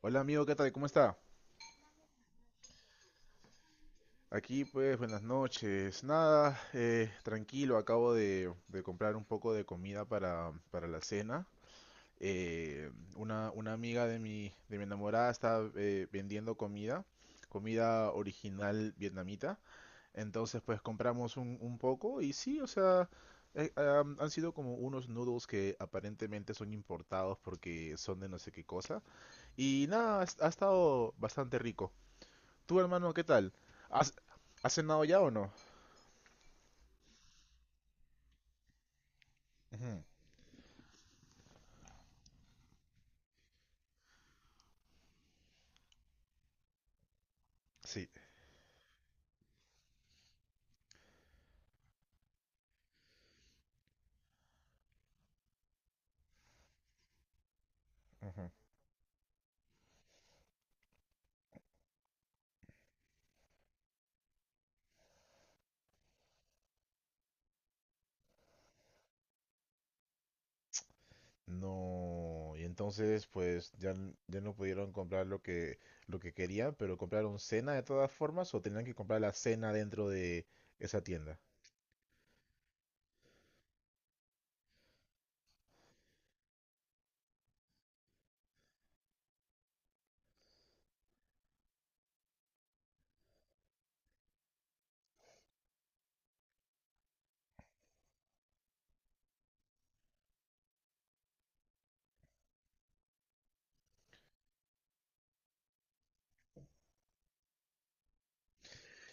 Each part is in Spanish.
Hola amigo, ¿qué tal? ¿Cómo está? Aquí pues buenas noches. Nada, tranquilo, acabo de comprar un poco de comida para la cena. Eh, una amiga de mi enamorada está vendiendo comida, comida original vietnamita. Entonces pues compramos un poco y sí, o sea, han sido como unos noodles que aparentemente son importados porque son de no sé qué cosa. Y nada, ha estado bastante rico. Tú, hermano, ¿qué tal? ¿Has, ¿has cenado ya o no? Ujú, sí. Ujú. No, y entonces pues ya, ya no pudieron comprar lo que querían, pero compraron cena de todas formas o tenían que comprar la cena dentro de esa tienda.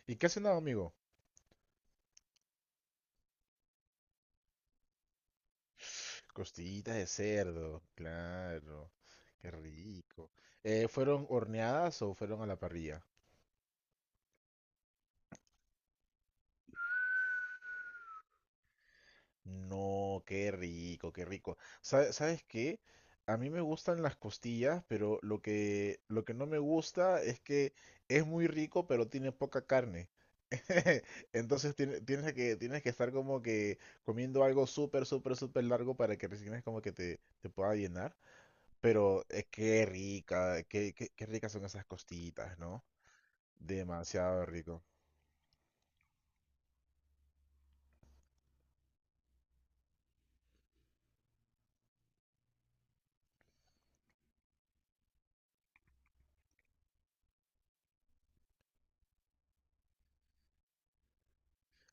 ¿Y qué has cenado, amigo? Costillitas de cerdo, claro, qué rico. ¿Fueron horneadas o fueron a la parrilla? No, qué rico, qué rico. ¿Sabes qué? A mí me gustan las costillas, pero lo que no me gusta es que es muy rico, pero tiene poca carne. Tienes que, tienes que estar como que comiendo algo súper, súper, súper largo para que recién es como que te pueda llenar. Pero qué rica, qué ricas son esas costillitas, ¿no? Demasiado rico.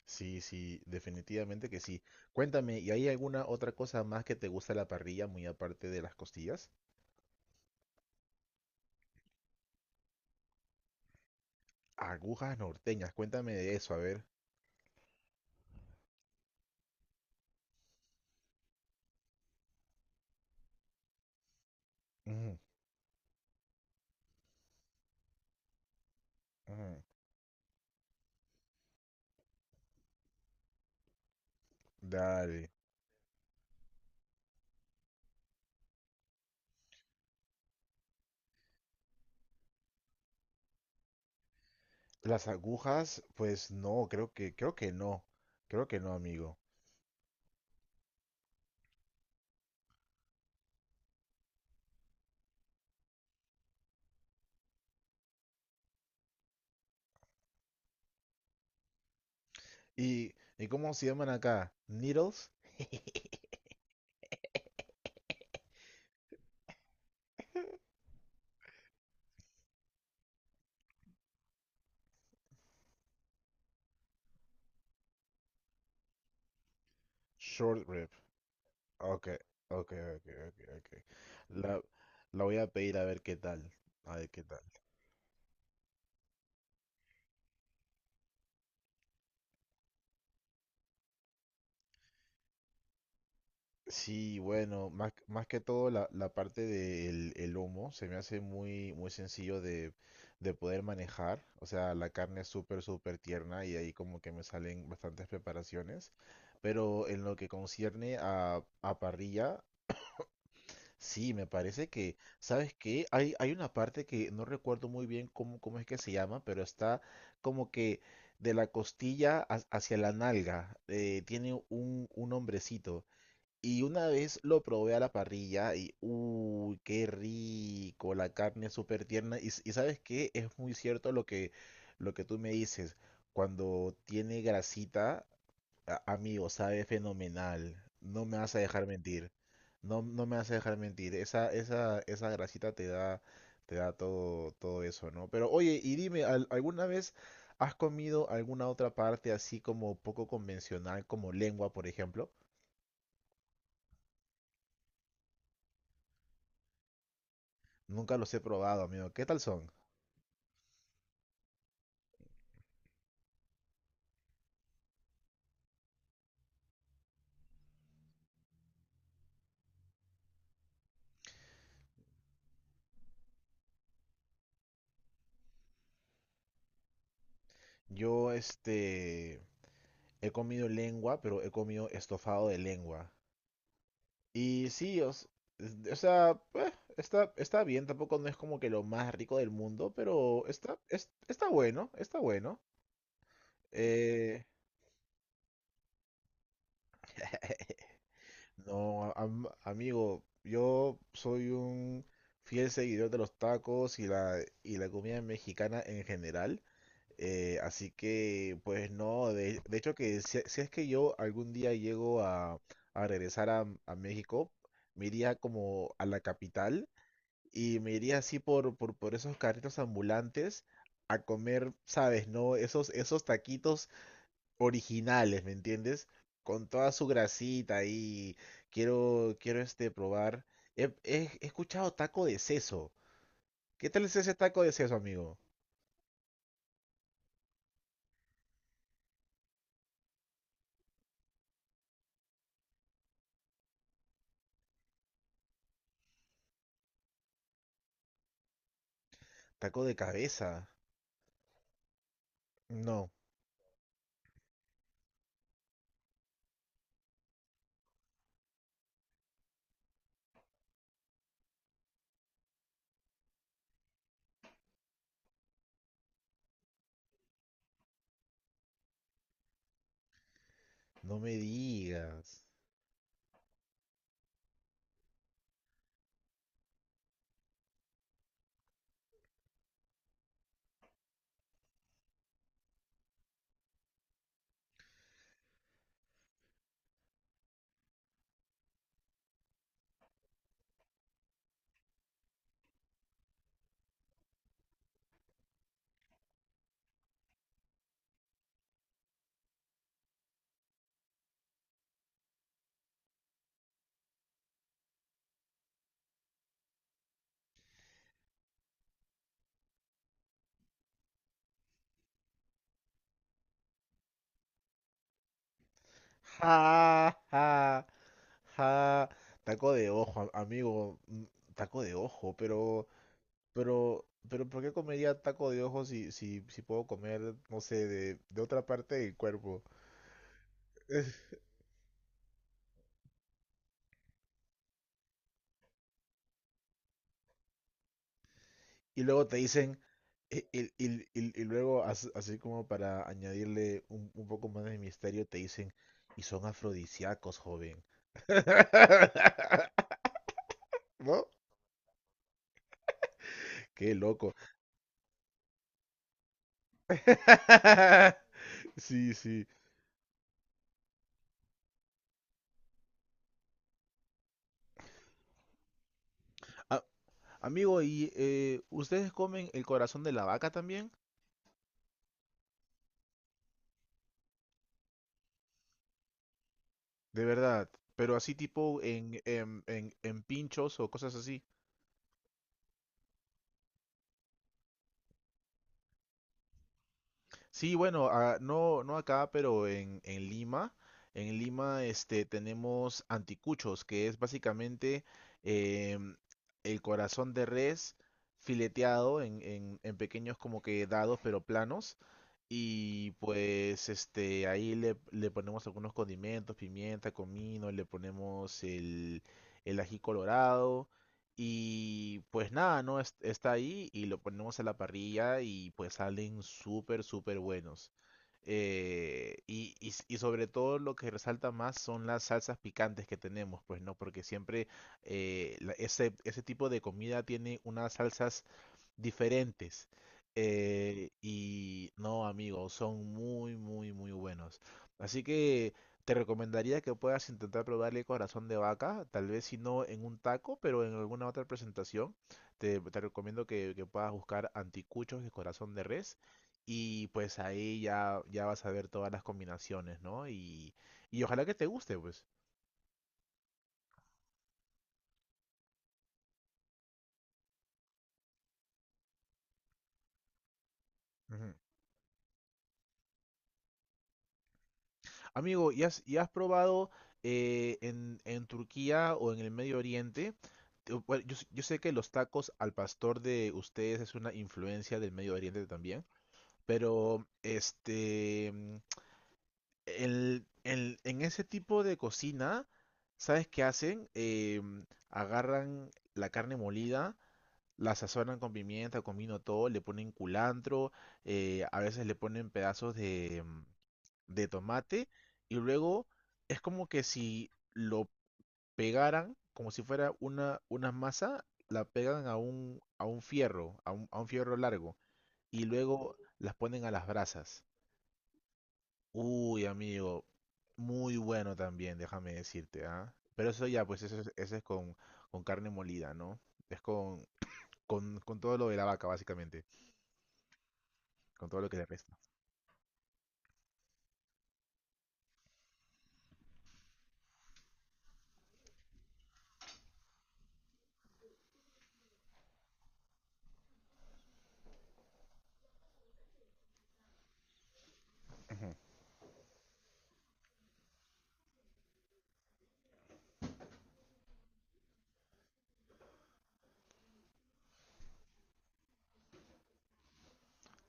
Sí, sí, definitivamente que sí. Cuéntame, ¿y hay alguna otra cosa más que te gusta de la parrilla, muy aparte de las costillas? Agujas norteñas, cuéntame de eso, a ver. Mm, mm, dale. Las agujas, pues no, creo que no. Creo que no, amigo. Y cómo se llaman acá? Needles? Short rib. Ok, ok, ok, ok, ok. La, la voy a pedir a ver qué tal. A ver qué tal. Sí, bueno, más, más que todo la, la parte del el humo se me hace muy, muy sencillo de poder manejar. O sea, la carne es súper, súper tierna y ahí como que me salen bastantes preparaciones. Pero en lo que concierne a parrilla, sí, me parece que, ¿sabes qué? Hay una parte que no recuerdo muy bien cómo, cómo es que se llama, pero está como que de la costilla hacia la nalga. Tiene un hombrecito. Y una vez lo probé a la parrilla y, uy, qué rico, la carne es súper tierna. Y, y sabes qué, es muy cierto lo que tú me dices. Cuando tiene grasita, amigo, sabe fenomenal. No me vas a dejar mentir. No, no me vas a dejar mentir. Esa grasita te da todo, todo eso, ¿no? Pero oye, y dime, ¿alguna vez has comido alguna otra parte así como poco convencional, como lengua, por ejemplo? Nunca los he probado, amigo. ¿Qué tal son? Yo, este, he comido lengua, pero he comido estofado de lengua. Y sí, o sea, está, está bien, tampoco no es como que lo más rico del mundo, pero está bueno, está bueno. Eh, no, amigo, yo soy un fiel seguidor de los tacos y la comida mexicana en general. Así que, pues no, de hecho que si, si es que yo algún día llego a regresar a México, me iría como a la capital y me iría así por esos carritos ambulantes a comer, ¿sabes? ¿No? Esos, esos taquitos originales, ¿me entiendes? Con toda su grasita y quiero, quiero este, probar. He, he escuchado taco de seso. ¿Qué tal es ese taco de seso, amigo? Taco de cabeza. No. No me digas. Ja, ja, ja. Taco de ojo, amigo. Taco de ojo, pero, pero, ¿por qué comería taco de ojo si, si, si puedo comer, no sé, de otra parte del cuerpo? Y luego te dicen, y luego, así como para añadirle un poco más de misterio, te dicen, y son afrodisíacos, joven. ¿No? Qué loco. Sí, sí. A- Amigo, ¿y ustedes comen el corazón de la vaca también? De verdad, pero así tipo en, en pinchos o cosas así. Sí, bueno, ah, no, no acá, pero en Lima este, tenemos anticuchos, que es básicamente em, el corazón de res fileteado en, en pequeños como que dados, pero planos. Y pues este, ahí le, le ponemos algunos condimentos, pimienta, comino, le ponemos el ají colorado y pues nada, ¿no? Está ahí y lo ponemos a la parrilla y pues salen súper, súper buenos. Y, y sobre todo lo que resalta más son las salsas picantes que tenemos, pues, ¿no? Porque siempre ese, ese tipo de comida tiene unas salsas diferentes. Y no, amigos, son muy, muy, muy buenos. Así que te recomendaría que puedas intentar probarle corazón de vaca, tal vez si no en un taco, pero en alguna otra presentación. Te recomiendo que puedas buscar anticuchos de corazón de res y pues ahí ya, ya vas a ver todas las combinaciones, ¿no? Y ojalá que te guste, pues. Ujú. Amigo, ¿y has probado en Turquía o en el Medio Oriente? Bueno, yo, yo sé que los tacos al pastor de ustedes es una influencia del Medio Oriente también, pero este, en ese tipo de cocina, ¿sabes qué hacen? Agarran la carne molida, la sazonan con pimienta, con vino, todo, le ponen culantro, a veces le ponen pedazos de, de tomate y luego es como que si lo pegaran, como si fuera una masa, la pegan a un fierro largo y luego las ponen a las brasas. Uy, amigo, muy bueno también, déjame decirte, ¿ah? Pero eso ya, pues eso, eso es con carne molida, ¿no? Es con todo lo de la vaca, básicamente. Con todo lo que le resta.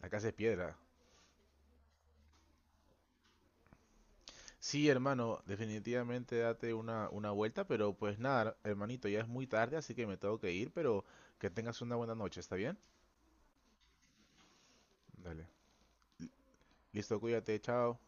La casa es piedra. Sí, hermano, definitivamente date una vuelta, pero pues nada, hermanito, ya es muy tarde, así que me tengo que ir, pero que tengas una buena noche, ¿está bien? Dale. Listo, cuídate, chao.